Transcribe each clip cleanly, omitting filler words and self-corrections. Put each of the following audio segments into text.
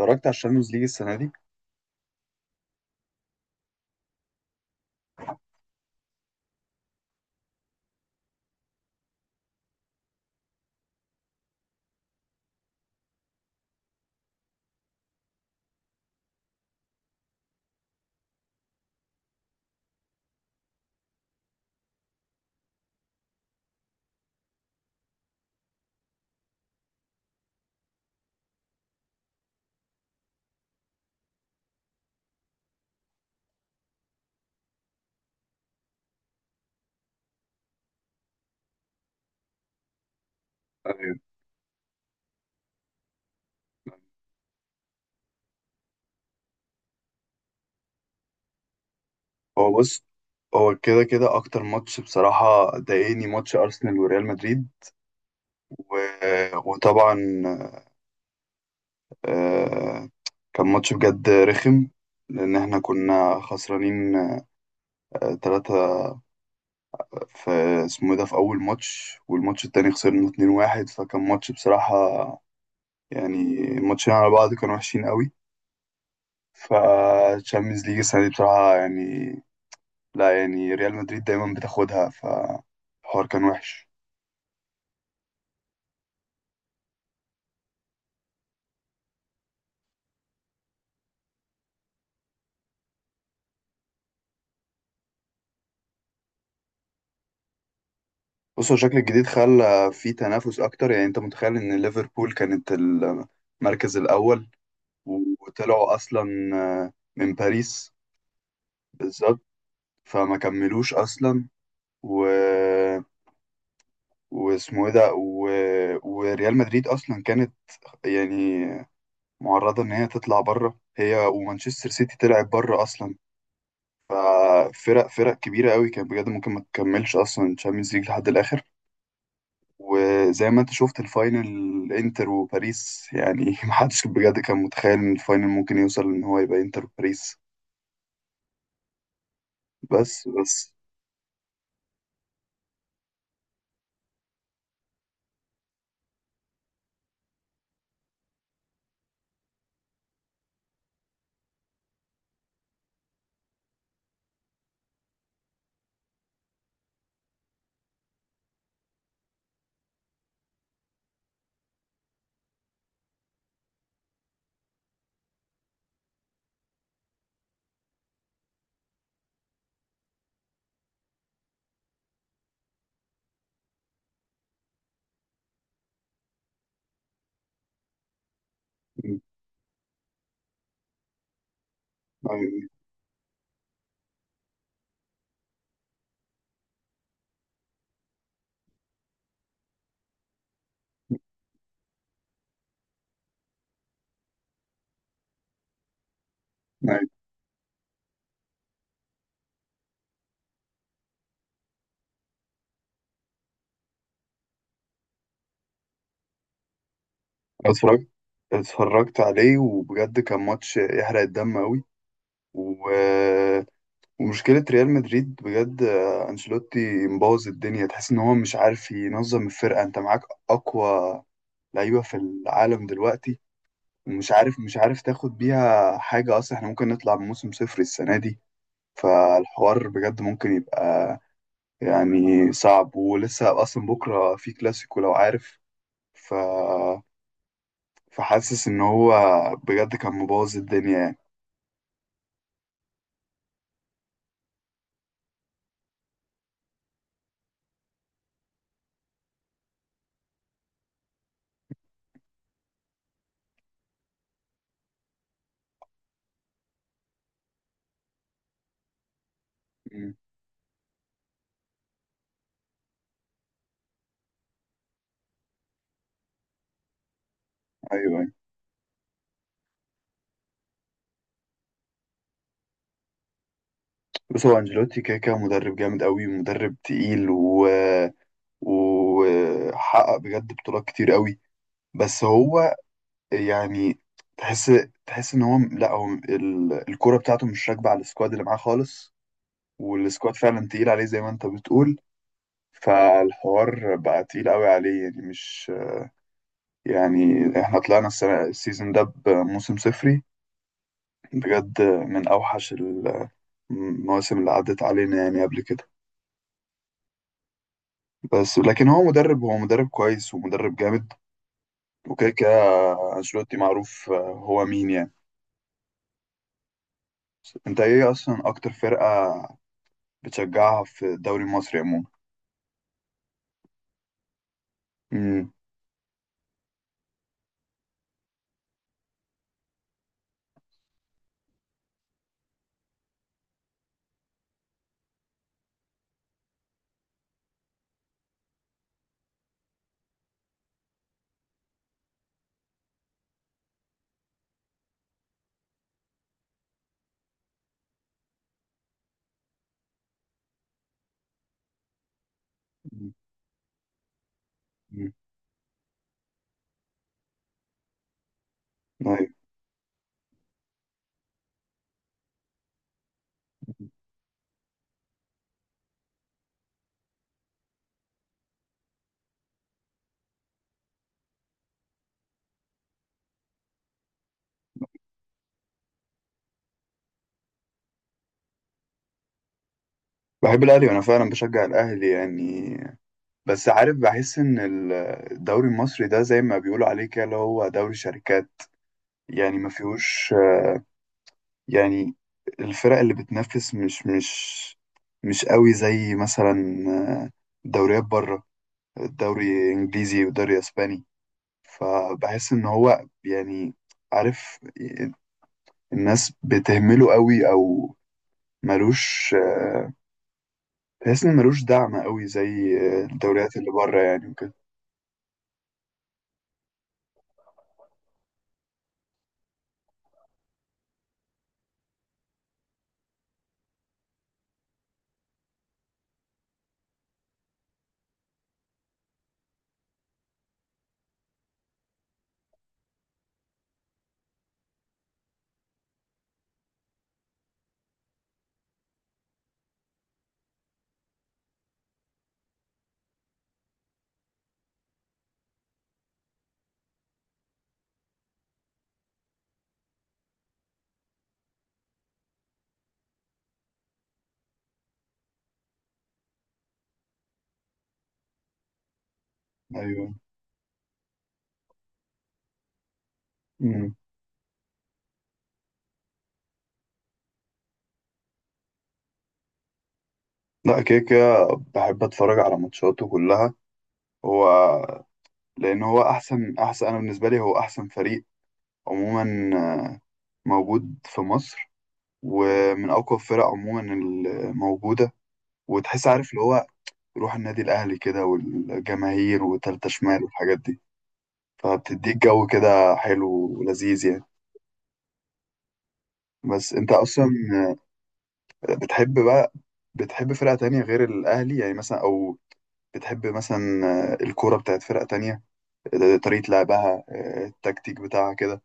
اتفرجت على الشامبيونز ليج السنة دي. آه. هو بص، هو كده كده أكتر ماتش بصراحة ضايقني، ماتش أرسنال وريال مدريد. و... وطبعا، آه، كان ماتش بجد رخم، لأن احنا كنا خسرانين تلاتة في اسمه إيه ده، في أول ماتش. والماتش التاني خسرنا اتنين واحد. فكان ماتش بصراحة، يعني الماتشين على بعض كانوا وحشين قوي. فالشامبيونز ليج السنة دي بصراحة، يعني، لا، يعني ريال مدريد دايما بتاخدها، فالحوار كان وحش. بص، هو الشكل الجديد خلى في تنافس اكتر. يعني انت متخيل ان ليفربول كانت المركز الاول، وطلعوا اصلا من باريس. بالظبط، فما كملوش اصلا. و... واسمه ايه ده. وريال مدريد اصلا كانت، يعني، معرضة ان هي تطلع بره، هي ومانشستر سيتي طلعت بره اصلا. ففرق كبيرة قوي، كانت بجد ممكن ما تكملش اصلا تشامبيونز ليج لحد الاخر. وزي ما انت شفت الفاينل، انتر وباريس يعني محدش بجد كان متخيل ان الفاينل ممكن يوصل ان هو يبقى انتر وباريس. بس بس، م- م- اتفرجت اتفرجت عليه، وبجد كان ماتش يحرق الدم قوي. و... ومشكلة ريال مدريد بجد، انشيلوتي مبوظ الدنيا. تحس ان هو مش عارف ينظم الفرقة، انت معاك اقوى لعيبة في العالم دلوقتي، ومش عارف مش عارف تاخد بيها حاجة. اصلا احنا ممكن نطلع بموسم صفر السنة دي. فالحوار بجد ممكن يبقى، يعني صعب. ولسه اصلا بكره في كلاسيكو لو عارف. ف فحاسس ان هو بجد كان مبوظ الدنيا يعني. مم. ايوه. أيوة. بص، هو انجيلوتي كده كده مدرب جامد قوي، ومدرب تقيل، وحقق بجد بطولات كتير قوي. بس هو، يعني، تحس تحس ان هو، لا، هو الكوره بتاعته مش راكبه على السكواد اللي معاه خالص، والسكواد فعلا تقيل عليه زي ما انت بتقول. فالحوار بقى تقيل قوي عليه، يعني مش، يعني احنا طلعنا السنة السيزون ده بموسم صفري، بجد من أوحش المواسم اللي عدت علينا يعني قبل كده. بس لكن هو مدرب كويس، ومدرب جامد. وكده كده أنشيلوتي معروف هو مين يعني. انت ايه اصلا اكتر فرقة بتشجعها في الدوري المصري عموما؟ امم. أمم. أيوة. بحب الاهلي، وانا فعلا بشجع الاهلي يعني. بس عارف، بحس ان الدوري المصري ده زي ما بيقولوا عليه كده، اللي هو دوري شركات. يعني ما فيهوش، يعني الفرق اللي بتنافس مش قوي زي مثلا دوريات بره، الدوري انجليزي والدوري اسباني. فبحس ان هو، يعني، عارف، الناس بتهمله قوي، او ملوش، بحس ان ملوش دعم قوي زي الدوريات اللي بره يعني، وكده. ايوه. لا، كده كده بحب اتفرج على ماتشاته كلها. هو، لان هو احسن، انا بالنسبه لي هو احسن فريق عموما، آه، موجود في مصر، ومن اقوى الفرق عموما الموجوده. وتحس، عارف، اللي هو روح النادي الاهلي كده، والجماهير، وتالتة شمال، والحاجات دي، فبتديك جو كده حلو ولذيذ يعني. بس انت اصلا، بتحب بقى، بتحب فرقه تانية غير الاهلي يعني، مثلا؟ او بتحب مثلا الكوره بتاعت فرقه تانية، طريقة لعبها، التكتيك بتاعها كده؟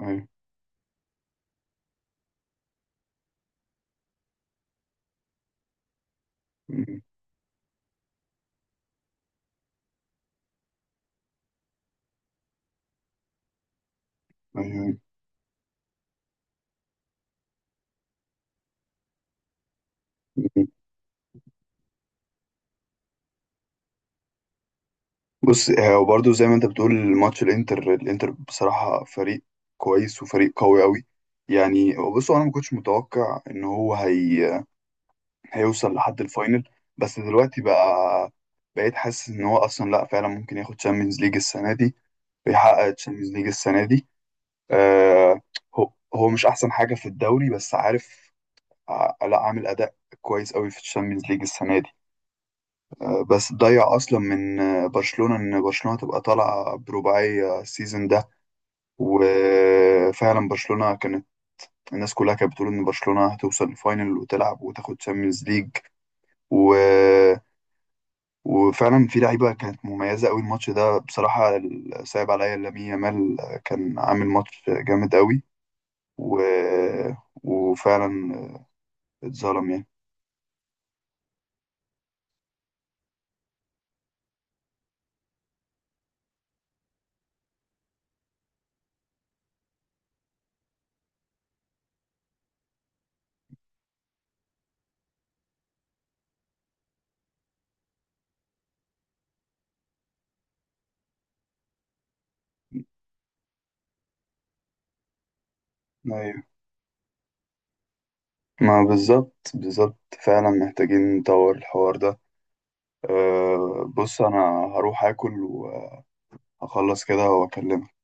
أيوة. مم. أيوة. مم. بص، وبرضه زي ما انت بتقول ماتش الانتر، الانتر بصراحة فريق كويس، وفريق قوي قوي. يعني بصوا، انا ما كنتش متوقع ان هو هيوصل لحد الفاينل. بس دلوقتي بقى، بقيت حاسس ان هو اصلا، لا فعلا، ممكن ياخد تشامبيونز ليج السنة دي، بيحقق تشامبيونز ليج السنة دي. آه هو مش احسن حاجة في الدوري، بس عارف، لا، عامل اداء كويس قوي في الشامبيونز ليج السنه دي. بس ضيع اصلا من برشلونه، ان برشلونه تبقى طالعه برباعيه السيزون ده. وفعلا برشلونه كانت، الناس كلها كانت بتقول ان برشلونه هتوصل الفاينل وتلعب وتاخد تشامبيونز ليج. و... وفعلا في لعيبه كانت مميزه قوي الماتش ده بصراحه، صعب عليا لامين يامال، كان عامل ماتش جامد قوي. و... وفعلا اتظلم. يعني، ما بالظبط بالظبط، فعلا محتاجين نطور الحوار ده. أه، بص، انا هروح اكل وهخلص كده واكلمك.